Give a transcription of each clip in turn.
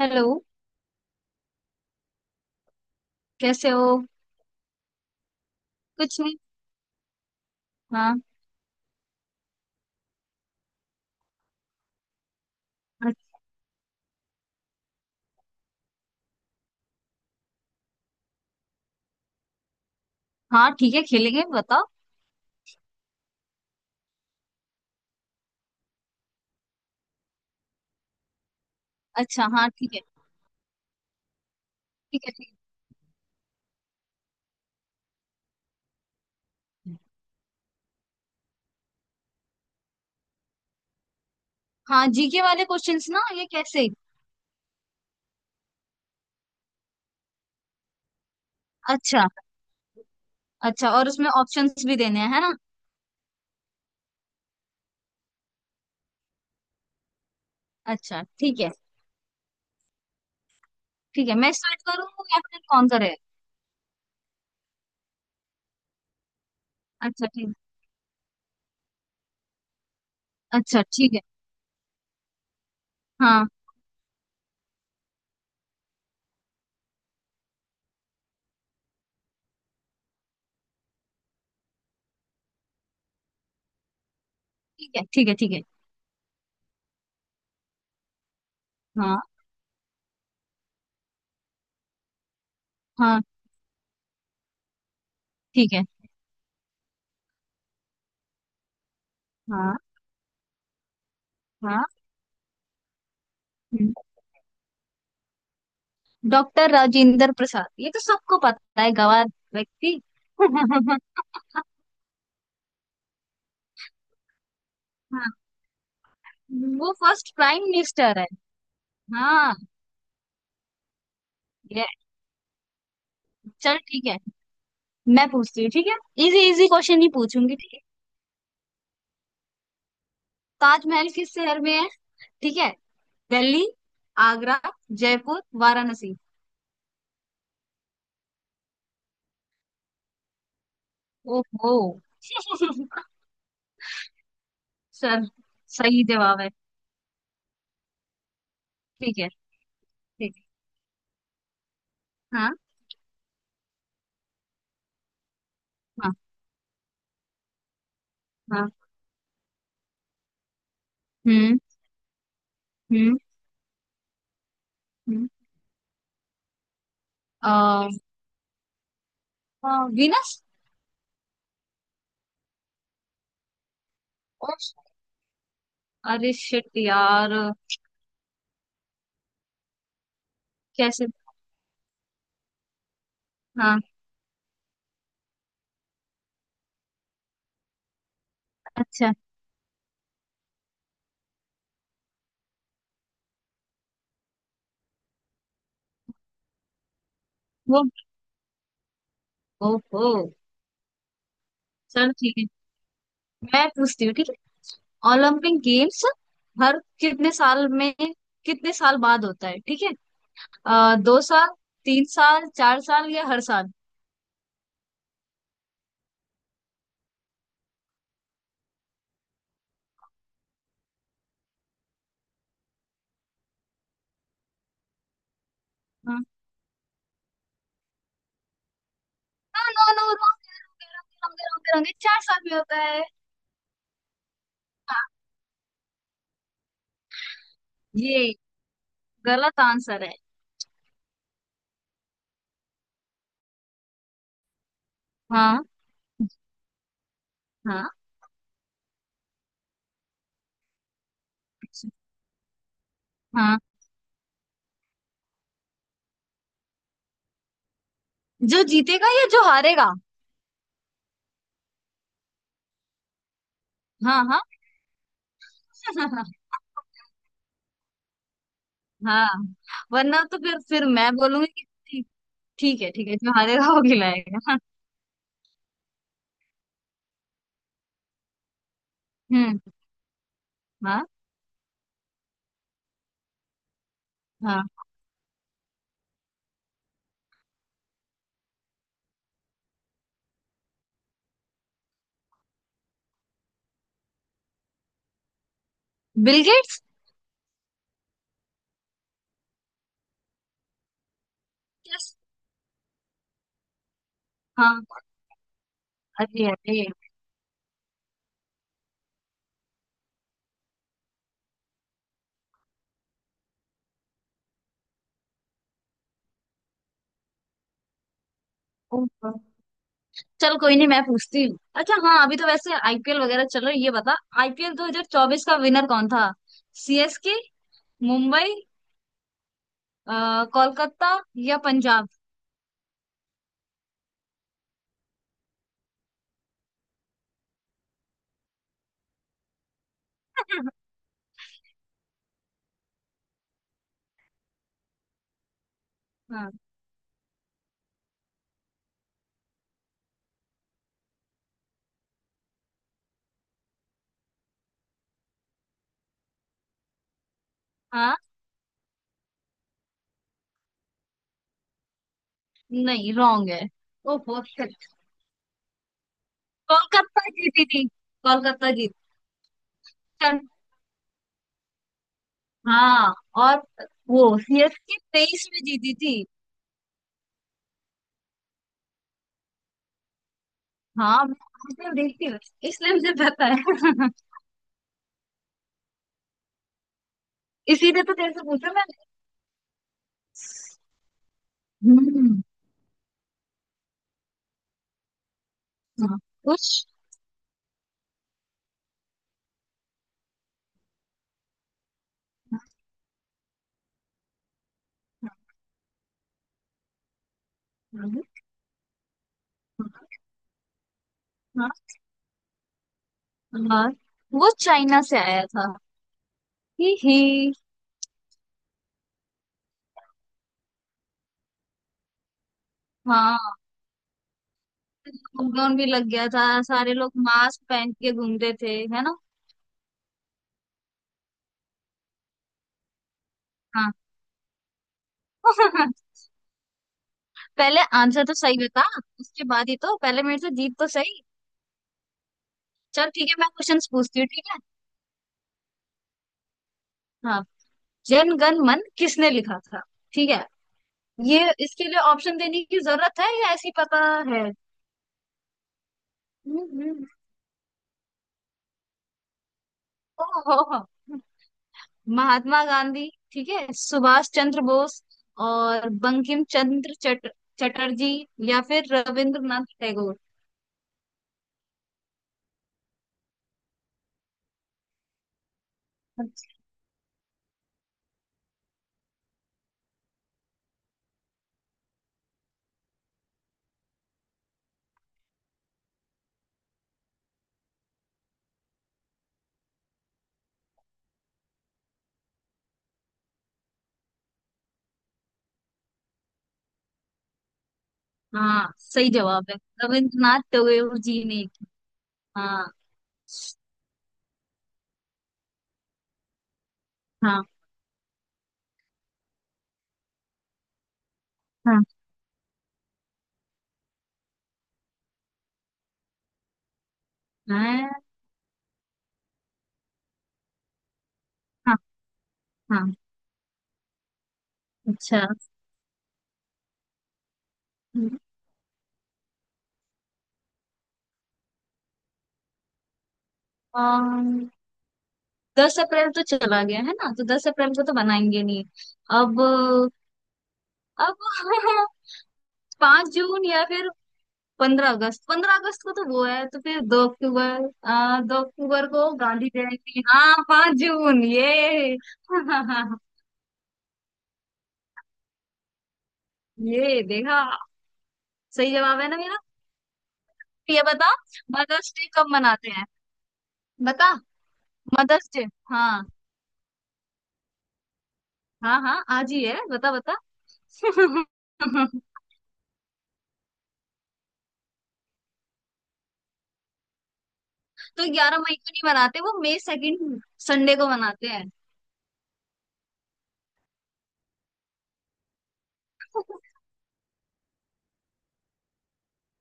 Hello. कैसे हो? कुछ नहीं। हाँ। अच्छ- हाँ ठीक है, खेलेंगे, बताओ। अच्छा हाँ ठीक है। ठीक है ठीक है। हाँ, जीके वाले क्वेश्चंस ना, ये कैसे? अच्छा। अच्छा, और उसमें ऑप्शंस भी देने हैं, है ना? अच्छा ठीक है। ठीक है, मैं स्टार्ट करूँ या फिर कौन करे? अच्छा ठीक। अच्छा ठीक है। हाँ ठीक है। ठीक है ठीक है। हाँ हाँ ठीक है। हाँ हाँ। हम्म। डॉक्टर राजेंद्र प्रसाद, ये तो सबको पता है, गवार व्यक्ति। हाँ, वो फर्स्ट प्राइम मिनिस्टर है। हाँ। ये। चल ठीक है, मैं पूछती हूँ, ठीक है? इजी इजी क्वेश्चन ही पूछूंगी, ठीक है। ताजमहल किस शहर में है? ठीक है। दिल्ली, आगरा, जयपुर, वाराणसी। ओहो। सर। सही जवाब है। ठीक है ठीक है। हाँ हाँ हाँ। हम्म। हम्म। हम्म। अ। हाँ, वीनस। ओ। अरे शिट यार। कैसे? हाँ। अच्छा। वो। ओहो। चल ठीक है, मैं पूछती हूँ, ठीक है? ओलंपिक गेम्स हर कितने साल में, कितने साल बाद होता है? ठीक है। अ, 2 साल, 3 साल, 4 साल या हर साल? हाँ। हाँ, नो नो नो, 4 साल में होता है। हाँ। ये गलत आंसर है। हाँ हाँ। हाँ, जो जीतेगा या जो हारेगा? हाँ हाँ। हाँ। वरना तो फिर मैं बोलूंगी कि ठीक। ठीक है ठीक है, जो हारेगा वो खिलाएगा। हम्म। हाँ। हाँ। Bill Gates. यस। हाँ। अरे अरे। ओहो। चल कोई नहीं, मैं पूछती हूँ। अच्छा हाँ, अभी तो वैसे आईपीएल वगैरह चल रहा है, ये बता, आईपीएल 2024 का विनर कौन था? सीएसके, मुंबई, अ, कोलकाता या पंजाब? हाँ हाँ। नहीं, रॉन्ग है। ओहो shit। कोलकाता जीती थी, कोलकाता जीती। चल। हाँ। और वो सीएसके 23 में जीती थी। हाँ, मैं आईपीएल देखती हूँ, इसलिए मुझे पता है। इसीलिए तो तेरे से पूछा मैंने। हम्म। हाँ, उस। हाँ। हाँ, वो चाइना से आया था। ही ही। हाँ, लॉकडाउन भी लग गया था, सारे लोग मास्क पहन के घूमते थे, है ना? हाँ। पहले आंसर तो सही बता, उसके बाद ही तो, पहले मेरे से जीत तो सही। चल ठीक है, मैं क्वेश्चंस पूछती हूँ, ठीक है? हाँ। जन गण मन किसने लिखा था? ठीक है। ये इसके लिए ऑप्शन देने की जरूरत है या ऐसे ही पता है? हम्म, हम्म, ओहो। महात्मा गांधी, ठीक है, सुभाष चंद्र बोस, और बंकिम चंद्र चट, चटर्जी, या फिर रविंद्रनाथ टैगोर। अच्छा हाँ, सही जवाब है, रविंद्रनाथ टैगोर जी ने। हाँ। हाँ हाँ हाँ हाँ हाँ, अच्छा, अम्म, 10 अप्रैल तो चला गया है ना, तो 10 अप्रैल को तो बनाएंगे नहीं। अब। अब। 5 जून या फिर 15 अगस्त, 15 अगस्त को तो वो है, तो फिर 2 अक्टूबर, आ, 2 अक्टूबर को गांधी जयंती, हाँ 5 जून, ये। ये देखा, सही जवाब है ना मेरा। तो ये बता, मदर्स डे कब मनाते हैं? बता, मदर्स डे। हाँ हाँ, हाँ आज ही है, बता बता। तो 11 मई को नहीं मनाते, वो मई सेकंड संडे को मनाते हैं।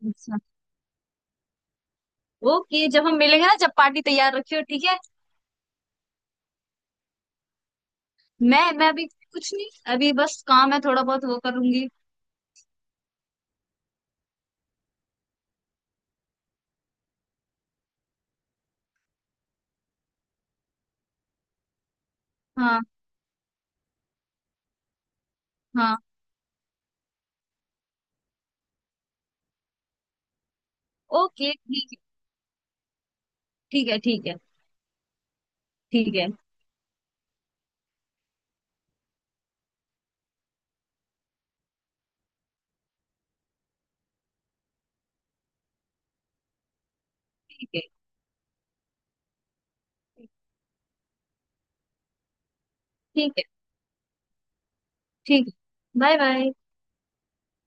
अच्छा। ओके, जब हम मिलेंगे ना, जब पार्टी तैयार रखियो, ठीक है? मैं अभी कुछ नहीं, अभी बस काम है, थोड़ा बहुत वो करूंगी। हाँ। हाँ। ओके ठीक है। ठीक है ठीक है। ठीक है ठीक है। ठीक है। ठीक है। Bye bye.